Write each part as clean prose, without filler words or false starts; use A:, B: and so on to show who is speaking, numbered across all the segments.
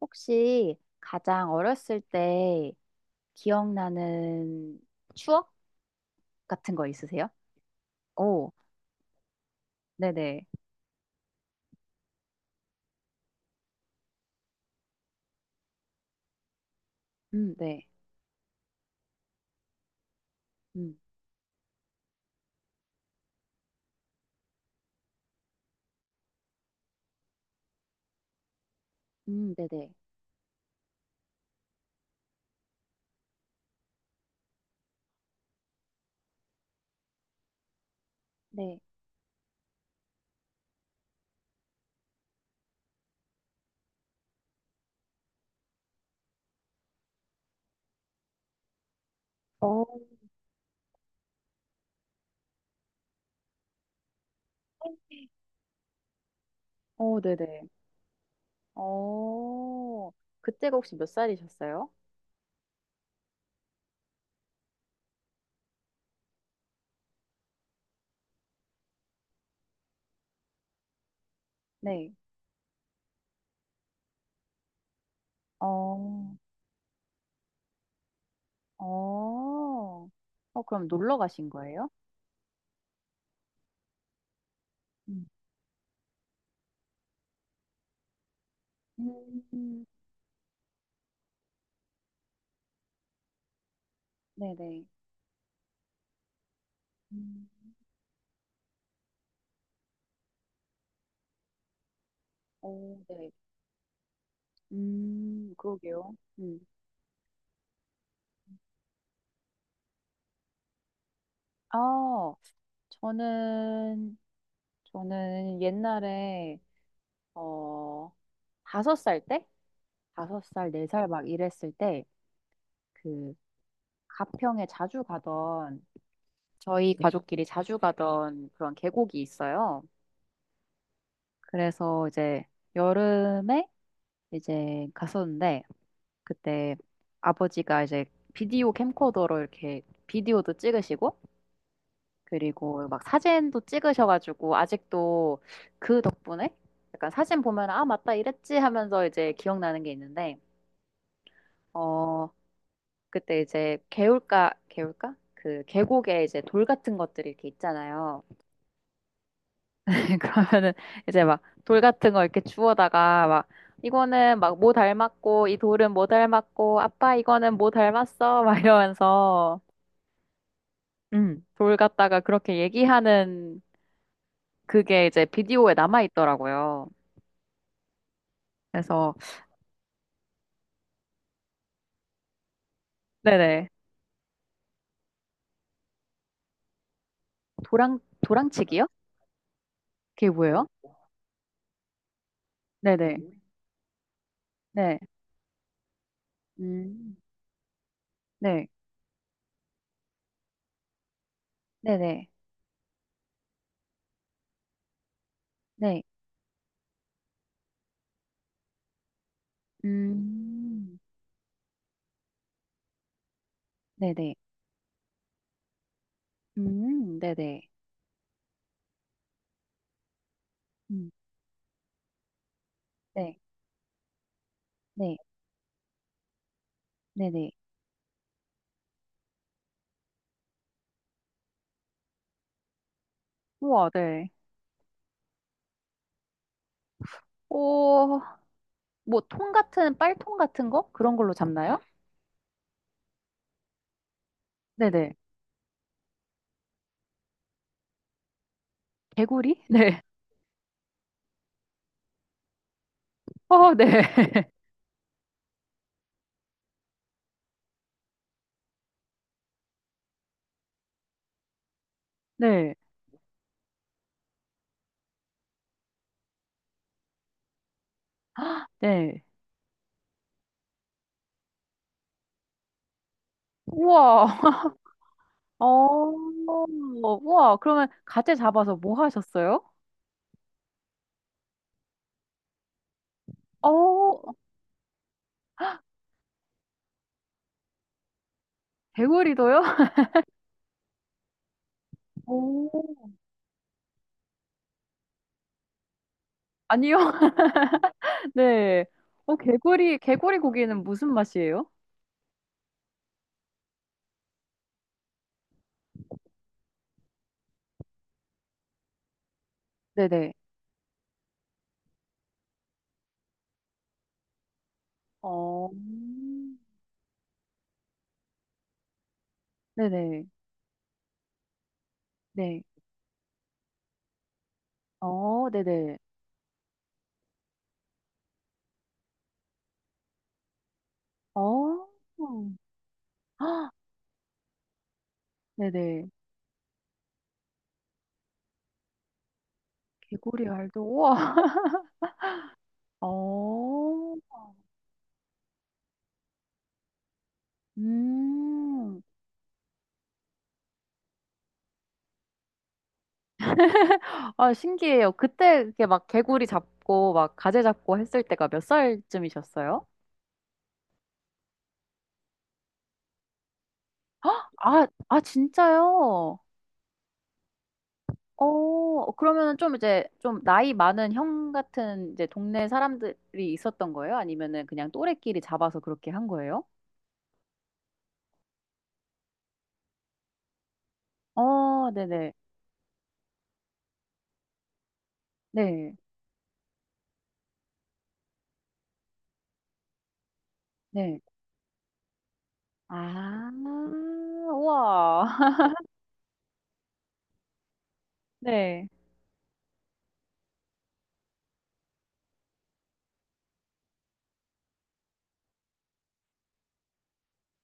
A: 혹시 가장 어렸을 때 기억나는 추억 같은 거 있으세요? 오, 네네. 네. 음. 네네. 네. 어, 네? 어, 네네. 어, 그때가 혹시 몇 살이셨어요? 네. 어, 어, 어, 그럼 놀러 가신 거예요? 음. 음, 네네. 음. 오, 네. 그러게요. 음. 아, 저는 저는 옛날에 어 5살 때, 5살, 4살 막 이랬을 때 그 가평에 자주 가던 저희 가족끼리 자주 가던 그런 계곡이 있어요. 그래서 이제 여름에 이제 갔었는데 그때 아버지가 이제 비디오 캠코더로 이렇게 비디오도 찍으시고, 그리고 막 사진도 찍으셔가지고, 아직도 그 덕분에 약간 사진 보면 아 맞다 이랬지 하면서 이제 기억나는 게 있는데, 어, 그때 이제 개울가, 개울가? 그 계곡에 이제 돌 같은 것들이 이렇게 있잖아요. 그러면은 이제 막 돌 같은 거 이렇게 주워다가 막 이거는 막 뭐 닮았고 이 돌은 뭐 닮았고 아빠 이거는 뭐 닮았어 막 이러면서, 돌 갖다가 그렇게 얘기하는 그게 이제 비디오에 남아 있더라고요. 그래서 네네. 도랑, 도랑치기요? 그게 뭐예요? 네네. 네. 음. 네. 네네. 네. 음. 네네. 네네. 음, 네, 네, 네네. 우와, 네. 오, 뭐, 통 같은, 빨통 같은 거? 그런 걸로 잡나요? 네네. 개구리? 네. 어, 네. 네. 네. 우와. 어, 우와. 그러면 가재 잡아서 뭐 하셨어요? 어, 개구리도요? 오, 아니요. 네. 어, 개구리 고기는 무슨 맛이에요? 네네. 어, 네네. 네. 어, 네네. 어, 네네. 개구리 알도, 우와. 어, 음. 아, 신기해요. 그때 이렇게 막 개구리 잡고, 막 가재 잡고 했을 때가 몇 살쯤이셨어요? 아, 아, 진짜요? 어, 그러면은 좀 이제 좀 나이 많은 형 같은 이제 동네 사람들이 있었던 거예요? 아니면은 그냥 또래끼리 잡아서 그렇게 한 거예요? 어, 네네. 네, 네. 아, 우와. 네.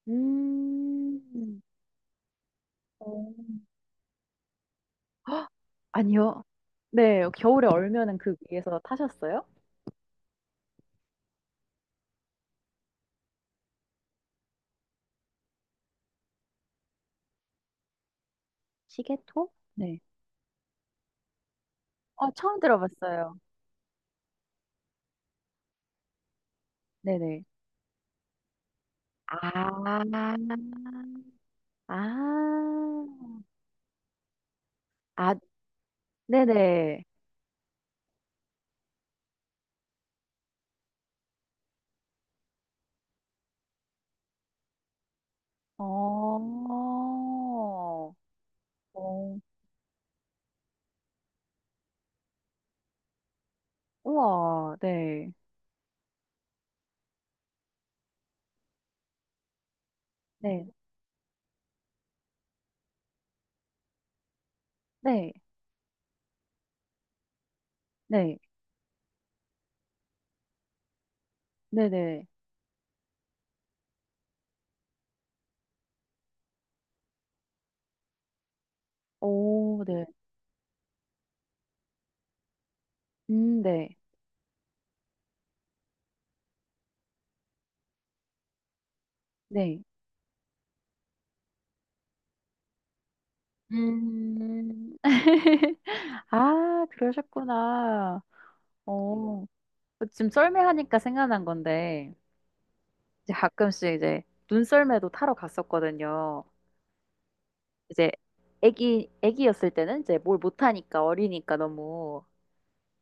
A: 음, 어, 아니요. 네, 겨울에 얼면은 그 위에서 타셨어요? 시계토? 네. 어, 처음 들어봤어요. 네네. 아, 아, 아, 네네. 어, 어, 우와, 네. 네, 네, 네, 네네. 오, 네. 네, 네. 음. 아, 그러셨구나. 어, 지금 썰매하니까 생각난 건데, 이제 가끔씩 이제 눈썰매도 타러 갔었거든요. 이제 애기였을 때는 이제 뭘 못하니까 어리니까 너무.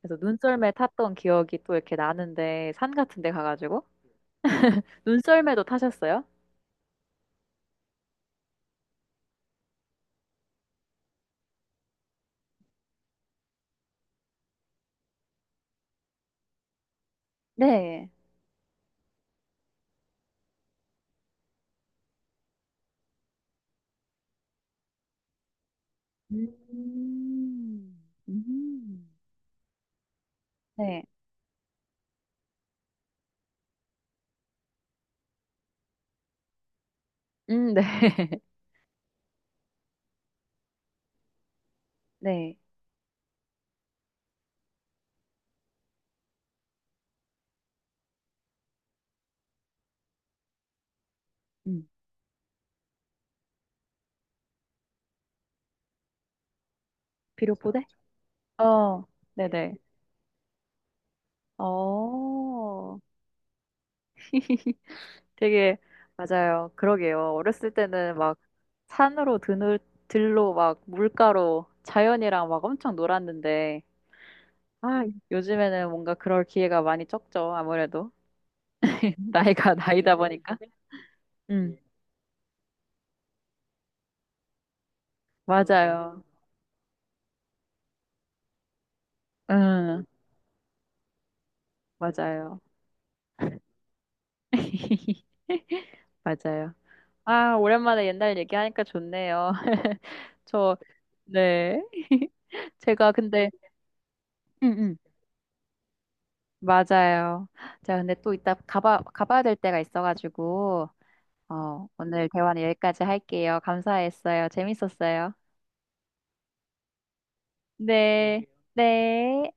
A: 그래서 눈썰매 탔던 기억이 또 이렇게 나는데, 산 같은 데 가가지고. 눈썰매도 타셨어요? 네. 음, 음. 네. 네. 네. 음, 비료 포대? 어, 네네. 어, 되게 맞아요. 그러게요. 어렸을 때는 막 산으로 드늘 들로 막 물가로 자연이랑 막 엄청 놀았는데, 아, 요즘에는 뭔가 그럴 기회가 많이 적죠. 아무래도 나이가 나이다 보니까. 음, 맞아요. 음, 맞아요. 맞아요. 아, 오랜만에 옛날 얘기하니까 좋네요. 저, 네. 제가 근데, 음, 음. 맞아요. 자, 근데 또 이따 가봐야 될 때가 있어가지고, 어, 오늘 대화는 여기까지 할게요. 감사했어요. 재밌었어요. 네. 네.